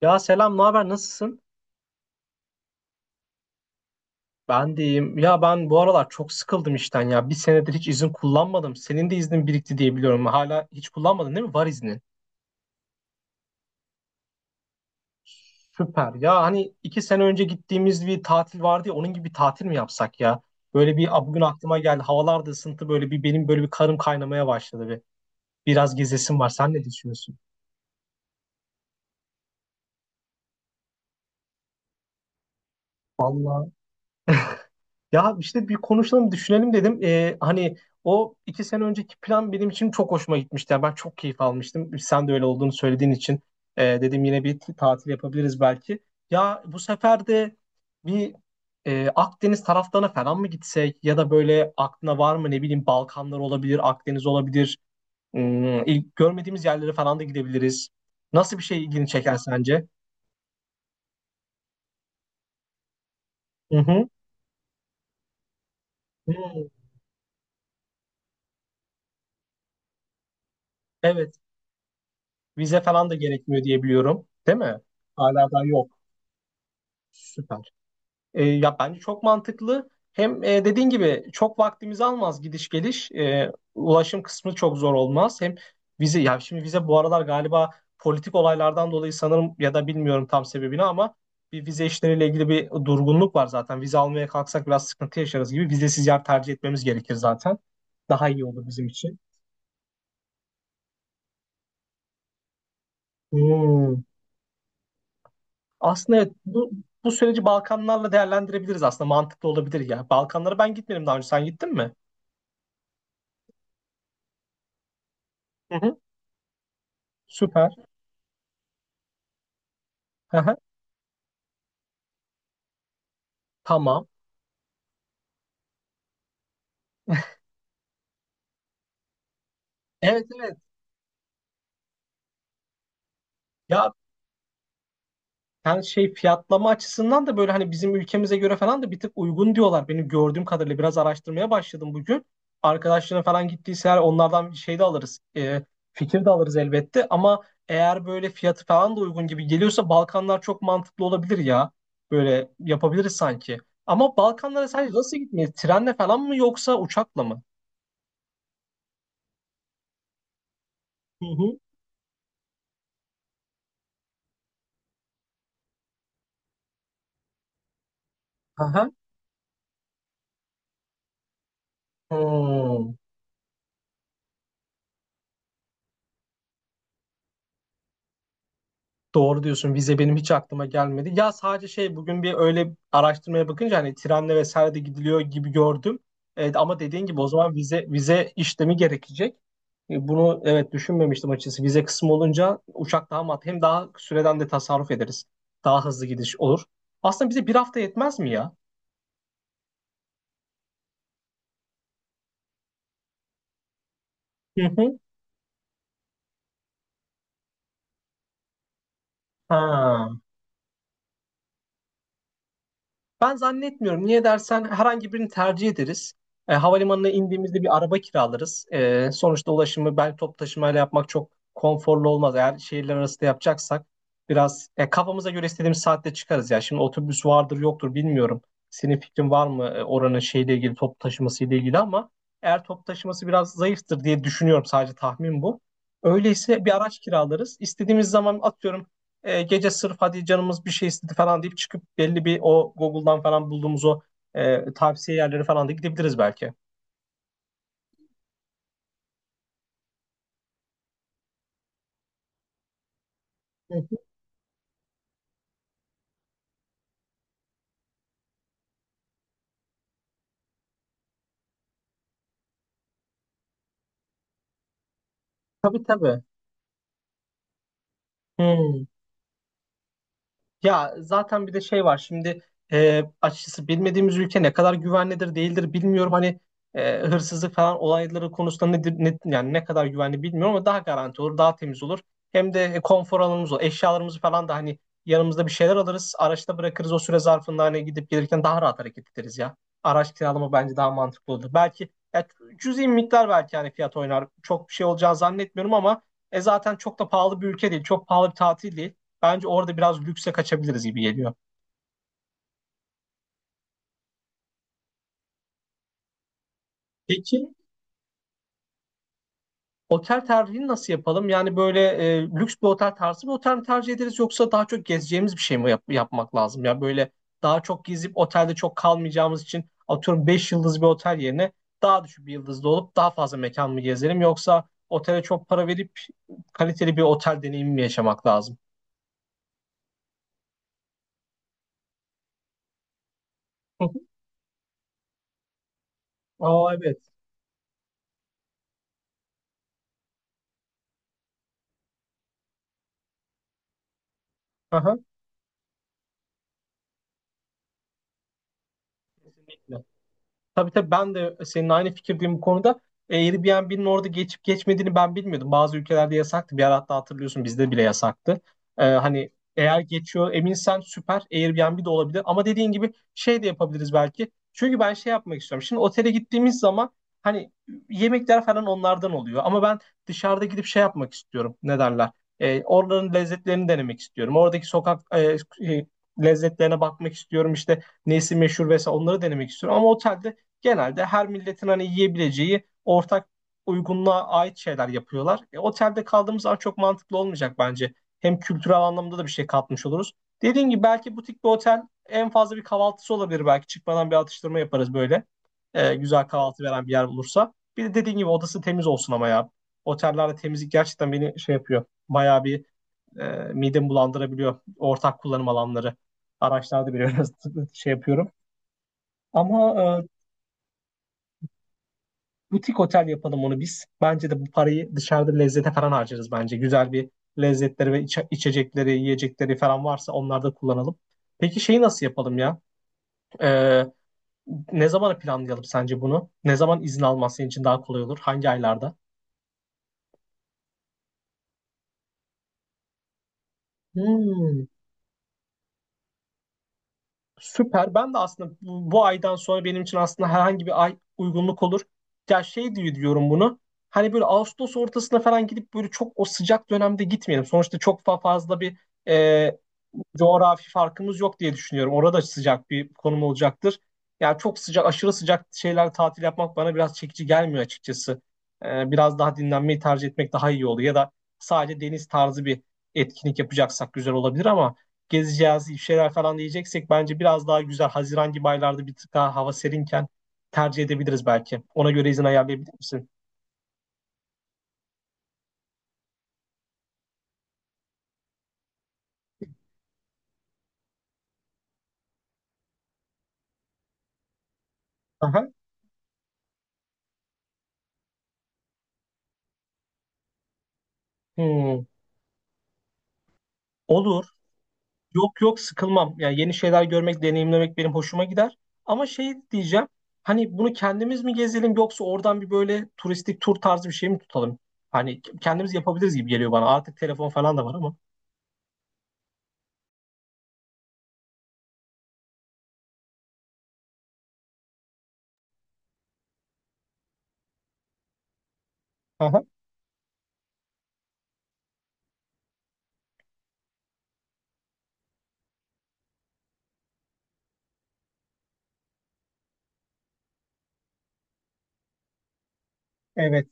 Ya selam, ne haber? Nasılsın? Ben de iyiyim. Ya ben bu aralar çok sıkıldım işten ya. Bir senedir hiç izin kullanmadım. Senin de iznin birikti diye biliyorum. Hala hiç kullanmadın değil mi? Var iznin. Süper. Ya hani 2 sene önce gittiğimiz bir tatil vardı ya. Onun gibi bir tatil mi yapsak ya? Böyle bir Aa, bugün aklıma geldi. Havalar da ısıntı böyle bir benim böyle bir karım kaynamaya başladı bir. Biraz gezesim var. Sen ne düşünüyorsun? Vallahi. Ya işte bir konuşalım, düşünelim dedim. Hani o 2 sene önceki plan benim için çok hoşuma gitmişti. Yani ben çok keyif almıştım. Sen de öyle olduğunu söylediğin için dedim yine bir tatil yapabiliriz belki. Ya bu sefer de bir Akdeniz taraflarına falan mı gitsek ya da böyle aklına var mı ne bileyim Balkanlar olabilir, Akdeniz olabilir. Hmm, ilk görmediğimiz yerlere falan da gidebiliriz. Nasıl bir şey ilgini çeker sence? Hı hı. Hmm, evet, vize falan da gerekmiyor diye biliyorum, değil mi? Hala daha yok. Süper. Ya bence çok mantıklı. Hem dediğin gibi çok vaktimizi almaz gidiş geliş. Ulaşım kısmı çok zor olmaz. Hem vize ya şimdi vize bu aralar galiba politik olaylardan dolayı sanırım ya da bilmiyorum tam sebebini ama bir vize işleriyle ilgili bir durgunluk var zaten. Vize almaya kalksak biraz sıkıntı yaşarız gibi. Vizesiz yer tercih etmemiz gerekir zaten. Daha iyi olur bizim için. Hmm. Aslında evet, bu süreci Balkanlarla değerlendirebiliriz aslında. Mantıklı olabilir ya. Balkanlara ben gitmedim daha önce. Sen gittin mi? Hı hı. Süper. Hı. Tamam. Evet, evet. Ya ben şey fiyatlama açısından da böyle hani bizim ülkemize göre falan da bir tık uygun diyorlar. Benim gördüğüm kadarıyla biraz araştırmaya başladım bugün. Arkadaşların falan gittiyse eğer onlardan bir şey de alırız. Fikir de alırız elbette. Ama eğer böyle fiyatı falan da uygun gibi geliyorsa Balkanlar çok mantıklı olabilir ya. Böyle yapabiliriz sanki. Ama Balkanlara sadece nasıl gitmeyiz? Trenle falan mı yoksa uçakla mı? Hı hı. Aha. Hmm. Doğru diyorsun. Vize benim hiç aklıma gelmedi. Ya sadece şey bugün bir öyle araştırmaya bakınca hani trenle vesaire de gidiliyor gibi gördüm. Evet, ama dediğin gibi o zaman vize işlemi gerekecek. Bunu evet düşünmemiştim açıkçası. Vize kısmı olunca uçak daha mat hem daha süreden de tasarruf ederiz. Daha hızlı gidiş olur. Aslında bize bir hafta yetmez mi ya? Hı hı. Ha. Ben zannetmiyorum. Niye dersen herhangi birini tercih ederiz. Havalimanına indiğimizde bir araba kiralarız. Sonuçta ulaşımı belki toplu taşımayla yapmak çok konforlu olmaz. Eğer şehirler arası da yapacaksak biraz kafamıza göre istediğimiz saatte çıkarız ya. Şimdi otobüs vardır yoktur bilmiyorum. Senin fikrin var mı oranın şeyle ilgili toplu taşıması ile ilgili ama eğer toplu taşıması biraz zayıftır diye düşünüyorum sadece tahmin bu. Öyleyse bir araç kiralarız. İstediğimiz zaman atıyorum gece sırf hadi canımız bir şey istedi falan deyip çıkıp belli bir o Google'dan falan bulduğumuz o tavsiye yerleri falan da gidebiliriz belki. Hı hı. Tabii, tabii. Hmm. Ya zaten bir de şey var şimdi açıkçası bilmediğimiz ülke ne kadar güvenlidir değildir bilmiyorum hani hırsızlık falan olayları konusunda nedir ne, yani ne kadar güvenli bilmiyorum ama daha garanti olur daha temiz olur hem de konfor alanımız olur eşyalarımızı falan da hani yanımızda bir şeyler alırız araçta bırakırız o süre zarfında hani gidip gelirken daha rahat hareket ederiz ya, araç kiralama bence daha mantıklı olur belki ya, cüzi bir miktar belki hani fiyat oynar çok bir şey olacağını zannetmiyorum ama zaten çok da pahalı bir ülke değil, çok pahalı bir tatil değil. Bence orada biraz lükse kaçabiliriz gibi geliyor. Peki otel tercihini nasıl yapalım? Yani böyle lüks bir otel tarzı bir otel mi tercih ederiz yoksa daha çok gezeceğimiz bir şey mi yapmak lazım? Ya böyle daha çok gezip otelde çok kalmayacağımız için atıyorum 5 yıldız bir otel yerine daha düşük bir yıldızlı olup daha fazla mekan mı gezelim yoksa otele çok para verip kaliteli bir otel deneyimi mi yaşamak lazım? Aa, evet. Aha. Kesinlikle. Tabii, tabii ben de senin aynı fikirdeyim bu konuda. Airbnb'nin orada geçip geçmediğini ben bilmiyordum. Bazı ülkelerde yasaktı. Bir ara hatta hatırlıyorsun bizde bile yasaktı. Hani eğer geçiyor eminsen süper, Airbnb de olabilir. Ama dediğin gibi şey de yapabiliriz belki. Çünkü ben şey yapmak istiyorum. Şimdi otele gittiğimiz zaman hani yemekler falan onlardan oluyor. Ama ben dışarıda gidip şey yapmak istiyorum. Ne derler? Oraların lezzetlerini denemek istiyorum. Oradaki sokak e, lezzetlerine bakmak istiyorum. İşte nesi meşhur vesaire onları denemek istiyorum. Ama otelde genelde her milletin hani yiyebileceği ortak uygunluğa ait şeyler yapıyorlar. Otelde kaldığımız zaman çok mantıklı olmayacak bence. Hem kültürel anlamda da bir şey katmış oluruz. Dediğim gibi belki butik bir otel en fazla bir kahvaltısı olabilir belki. Çıkmadan bir atıştırma yaparız böyle. Güzel kahvaltı veren bir yer olursa. Bir de dediğim gibi odası temiz olsun ama ya. Otellerde temizlik gerçekten beni şey yapıyor. Bayağı bir e, midemi bulandırabiliyor. Ortak kullanım alanları. Araçlarda biraz şey yapıyorum. Ama e, Butik otel yapalım onu biz. Bence de bu parayı dışarıda lezzete falan harcarız bence. Güzel bir lezzetleri ve içecekleri, yiyecekleri falan varsa onları da kullanalım. Peki şeyi nasıl yapalım ya? Ee, ne zamana planlayalım sence bunu? Ne zaman izin alman senin için daha kolay olur? Hangi aylarda? Hmm. Süper. Ben de aslında bu aydan sonra benim için aslında herhangi bir ay uygunluk olur. Ya şey diye diyorum bunu. Hani böyle Ağustos ortasına falan gidip böyle çok o sıcak dönemde gitmeyelim. Sonuçta çok fazla bir e, coğrafi farkımız yok diye düşünüyorum. Orada sıcak bir konum olacaktır. Yani çok sıcak, aşırı sıcak şeyler tatil yapmak bana biraz çekici gelmiyor açıkçası. Biraz daha dinlenmeyi tercih etmek daha iyi olur. Ya da sadece deniz tarzı bir etkinlik yapacaksak güzel olabilir ama gezeceğiz, bir şeyler falan diyeceksek bence biraz daha güzel Haziran gibi aylarda bir tık daha hava serinken tercih edebiliriz belki. Ona göre izin ayarlayabilir misin? Aha. Hmm. Olur. Yok, yok, sıkılmam. Yani yeni şeyler görmek, deneyimlemek benim hoşuma gider. Ama şey diyeceğim. Hani bunu kendimiz mi gezelim yoksa oradan bir böyle turistik tur tarzı bir şey mi tutalım? Hani kendimiz yapabiliriz gibi geliyor bana. Artık telefon falan da var ama. Aha, evet,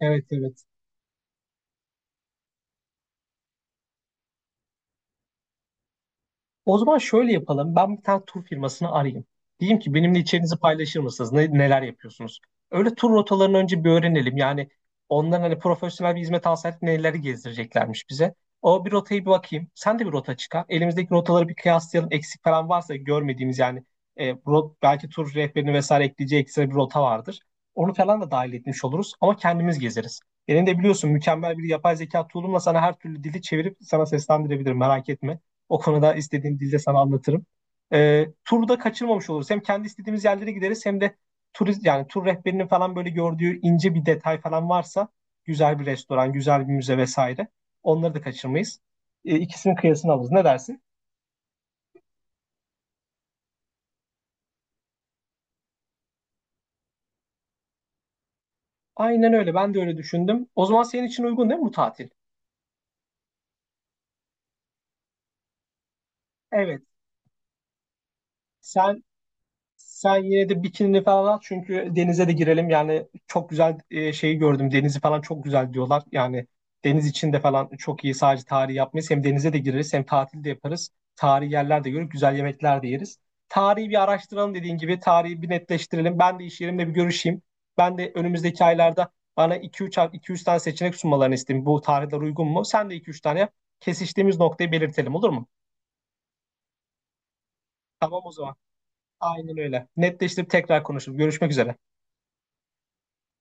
evet, evet. O zaman şöyle yapalım. Ben bir tane tur firmasını arayayım. Diyeyim ki benimle içeriğinizi paylaşır mısınız? Neler yapıyorsunuz? Öyle tur rotalarını önce bir öğrenelim. Yani onların hani profesyonel bir hizmet alsaydık neleri gezdireceklermiş bize. O bir rotayı bir bakayım. Sen de bir rota çıkar. Elimizdeki rotaları bir kıyaslayalım. Eksik falan varsa görmediğimiz yani belki tur rehberini vesaire ekleyeceği ekstra bir rota vardır. Onu falan da dahil etmiş oluruz ama kendimiz gezeriz. Benim de biliyorsun mükemmel bir yapay zeka tool'umla sana her türlü dili çevirip sana seslendirebilirim merak etme. O konuda istediğim dilde sana anlatırım. Turda kaçırmamış oluruz. Hem kendi istediğimiz yerlere gideriz hem de turist yani tur rehberinin falan böyle gördüğü ince bir detay falan varsa güzel bir restoran, güzel bir müze vesaire. Onları da kaçırmayız. İkisinin kıyasını alırız. Ne dersin? Aynen öyle. Ben de öyle düşündüm. O zaman senin için uygun değil mi bu tatil? Evet. Sen Sen yine de bikinini falan al çünkü denize de girelim. Yani çok güzel şeyi gördüm. Denizi falan çok güzel diyorlar. Yani deniz içinde falan çok iyi sadece tarihi yapmayız. Hem denize de gireriz hem tatil de yaparız. Tarihi yerler de görüp güzel yemekler de yeriz. Tarihi bir araştıralım dediğin gibi. Tarihi bir netleştirelim. Ben de iş yerimle bir görüşeyim. Ben de önümüzdeki aylarda bana iki üç tane seçenek sunmalarını isteyeyim. Bu tarihler uygun mu? Sen de iki üç tane yap. Kesiştiğimiz noktayı belirtelim olur mu? Tamam o zaman. Aynen öyle. Netleştirip tekrar konuşuruz. Görüşmek üzere.